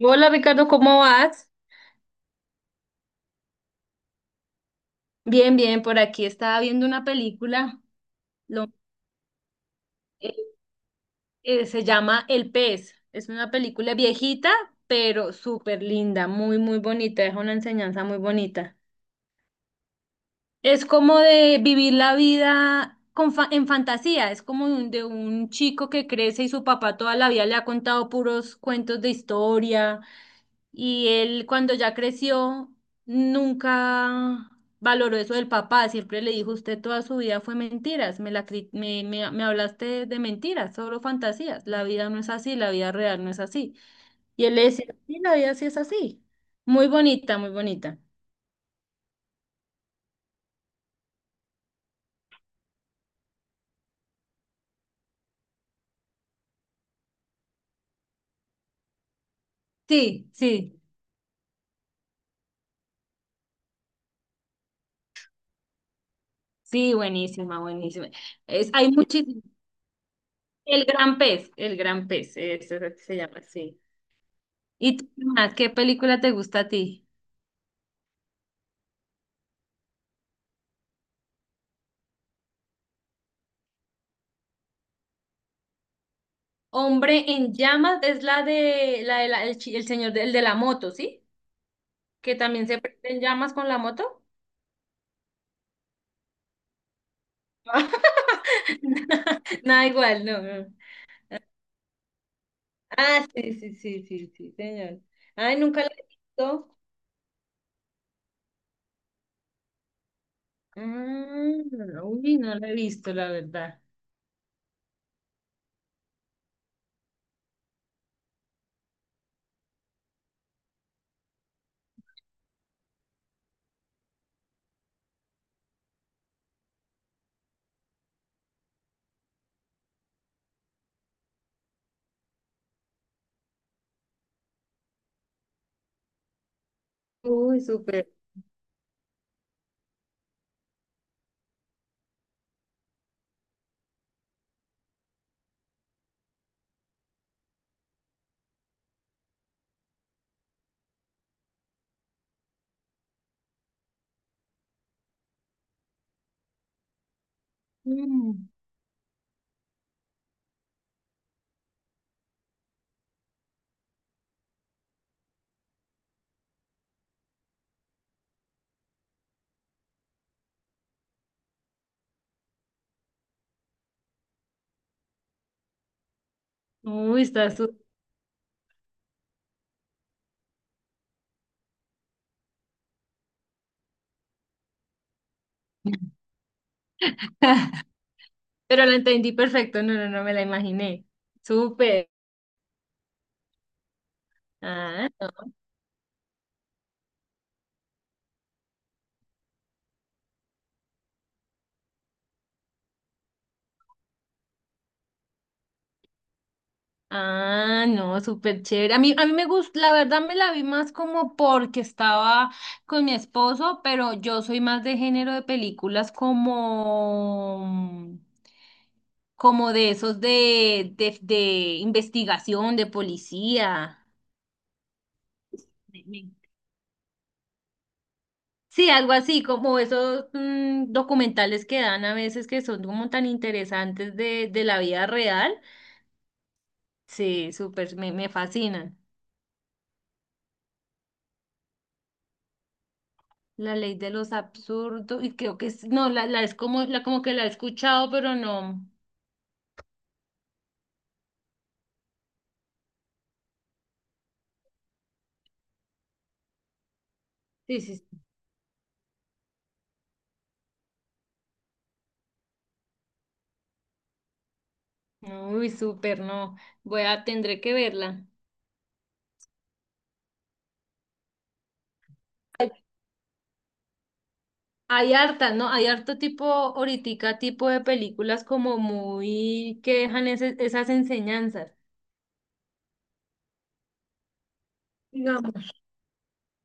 Hola Ricardo, ¿cómo vas? Bien, bien, por aquí estaba viendo una película, lo- eh, se llama El pez, es una película viejita, pero súper linda, muy, muy bonita, es una enseñanza muy bonita. Es como de vivir la vida con en fantasía, es como de un chico que crece y su papá toda la vida le ha contado puros cuentos de historia. Y él cuando ya creció nunca valoró eso del papá, siempre le dijo, usted toda su vida fue mentiras, me, la, cri- me hablaste de mentiras, solo fantasías, la vida no es así, la vida real no es así. Y él le decía, sí, la vida sí es así. Muy bonita, muy bonita. Sí, sí, sí, buenísima, buenísima. Hay muchísimo. El gran pez, eso es lo que se llama, sí. ¿Y tú, qué más? ¿Qué película te gusta a ti? Hombre en llamas es la de la, de la- el, chi- el señor del de la moto, ¿sí? Que también se prende en llamas con la moto. Nada igual, no, no. Ah, sí, sí, sí, sí, sí, señor. Ay, nunca la he visto. Ah, uy, no la he visto, la verdad. Uy, súper. Mm. Uy, está súper. Pero la entendí perfecto. No, no, no me la imaginé. Súper. Ah, no. Ah, no, súper chévere. A mí me gusta, la verdad me la vi más como porque estaba con mi esposo, pero yo soy más de género de películas como, como de esos de investigación, de policía. Me- me- Sí, algo así, como esos documentales que dan a veces que son como tan interesantes de la vida real. Sí, súper, me fascinan. La ley de los absurdos, y creo que es, no, la como que la he escuchado, pero no. Sí, sí. Sí. No, uy, súper, no. Tendré que verla. Hay harta, ¿no? Hay harto tipo, ahoritica tipo de películas como muy que dejan esas enseñanzas. Digamos.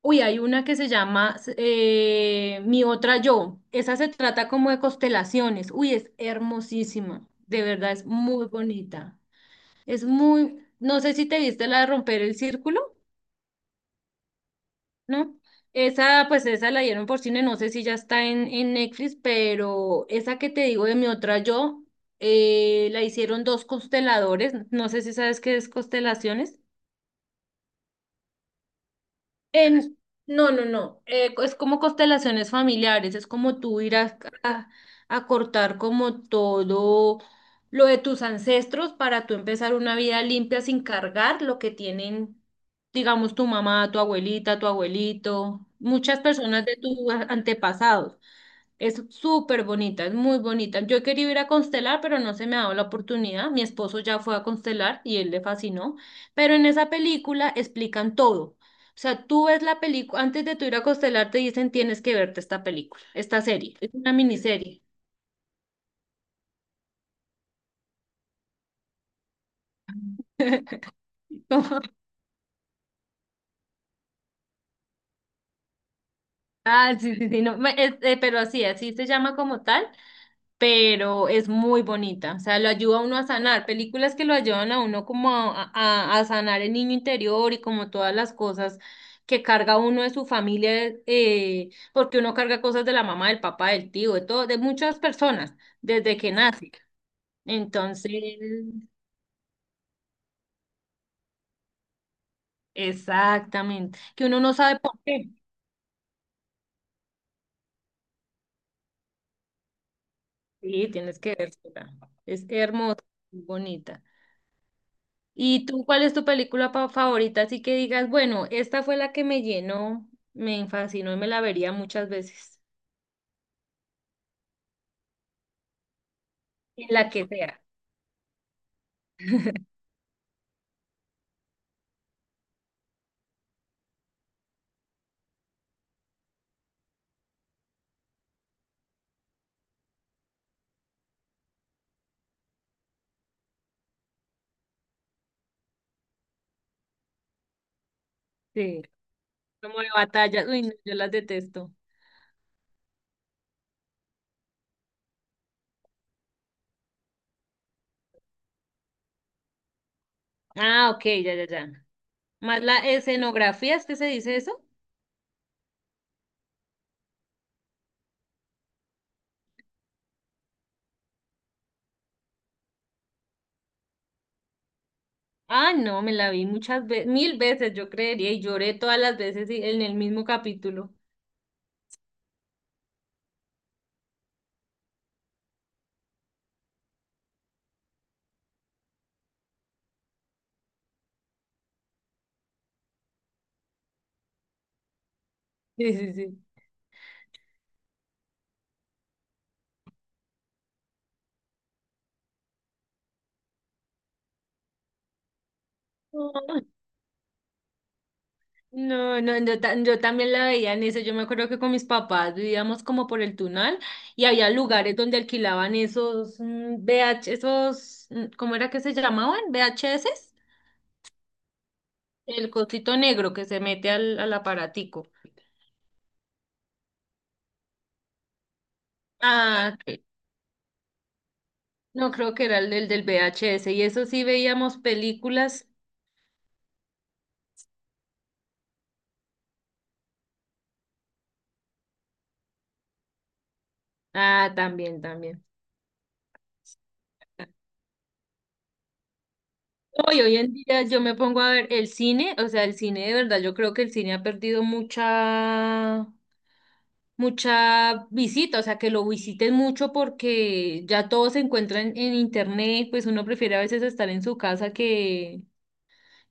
Uy, hay una que se llama Mi otra yo. Esa se trata como de constelaciones. Uy, es hermosísima. De verdad, es muy bonita. Es muy, no sé si te viste la de romper el círculo, ¿no? Esa, pues esa la dieron por cine, no sé si ya está en Netflix, pero esa que te digo de mi otra yo, la hicieron dos consteladores, no sé si sabes qué es constelaciones. En, no, no, no. Es como constelaciones familiares, es como tú ir a, a- a cortar como todo lo de tus ancestros para tú empezar una vida limpia sin cargar lo que tienen, digamos, tu mamá, tu abuelita, tu abuelito, muchas personas de tus antepasados. Es súper bonita, es muy bonita. Yo quería ir a constelar, pero no se me ha dado la oportunidad. Mi esposo ya fue a constelar y él le fascinó. Pero en esa película explican todo. O sea, tú ves la película, antes de tú ir a constelar te dicen tienes que verte esta película, esta serie. Es una miniserie. Como- Ah, sí, sí, sí, no, pero así, así se llama como tal. Pero es muy bonita, o sea, lo ayuda a uno a sanar, películas que lo ayudan a uno como a, a sanar el niño interior y como todas las cosas que carga uno de su familia, porque uno carga cosas de la mamá, del papá, del tío, de todo, de muchas personas, desde que nace. Entonces, exactamente, que uno no sabe por qué. Sí, tienes que verla. Es hermosa, muy bonita. ¿Y tú cuál es tu película favorita? Así que digas, bueno, esta fue la que me llenó, me fascinó y me la vería muchas veces. En la que sea. Sí. Como de batallas. Uy, no, yo las detesto. Ah, ok, ya, ya, ya. Más la escenografía, ¿es que se dice eso? Ah, no, me la vi muchas veces, mil veces, yo creería, y lloré todas las veces en el mismo capítulo. Sí, sí, sí. No, no, yo también la veía en eso. Yo me acuerdo que con mis papás vivíamos como por el Tunal y había lugares donde alquilaban esos V H esos, ¿cómo era que se llamaban? VHS el cosito negro que se mete al aparatico. Ah, ok. No creo que era el del VHS y eso sí veíamos películas. Ah, también, también. Hoy en día yo me pongo a ver el cine, o sea, el cine de verdad, yo creo que el cine ha perdido mucha visita, o sea, que lo visiten mucho porque ya todo se encuentra en internet, pues uno prefiere a veces estar en su casa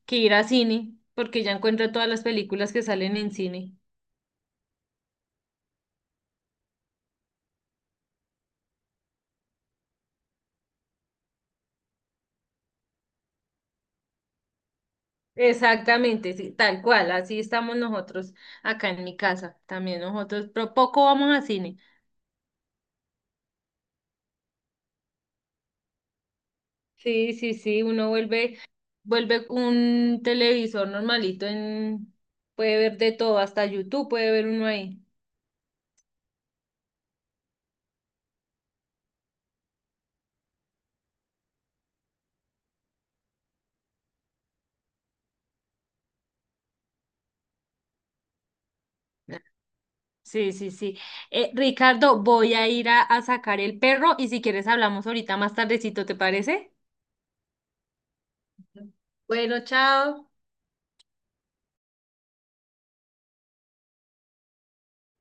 que ir a cine, porque ya encuentra todas las películas que salen en cine. Exactamente, sí, tal cual, así estamos nosotros acá en mi casa, también nosotros, pero poco vamos a cine. Sí, sí, sí, uno vuelve un televisor normalito en, puede ver de todo, hasta YouTube puede ver uno ahí. Sí, sí, sí. Ricardo, voy a ir a sacar el perro y si quieres hablamos ahorita más tardecito, ¿te parece? Bueno, chao.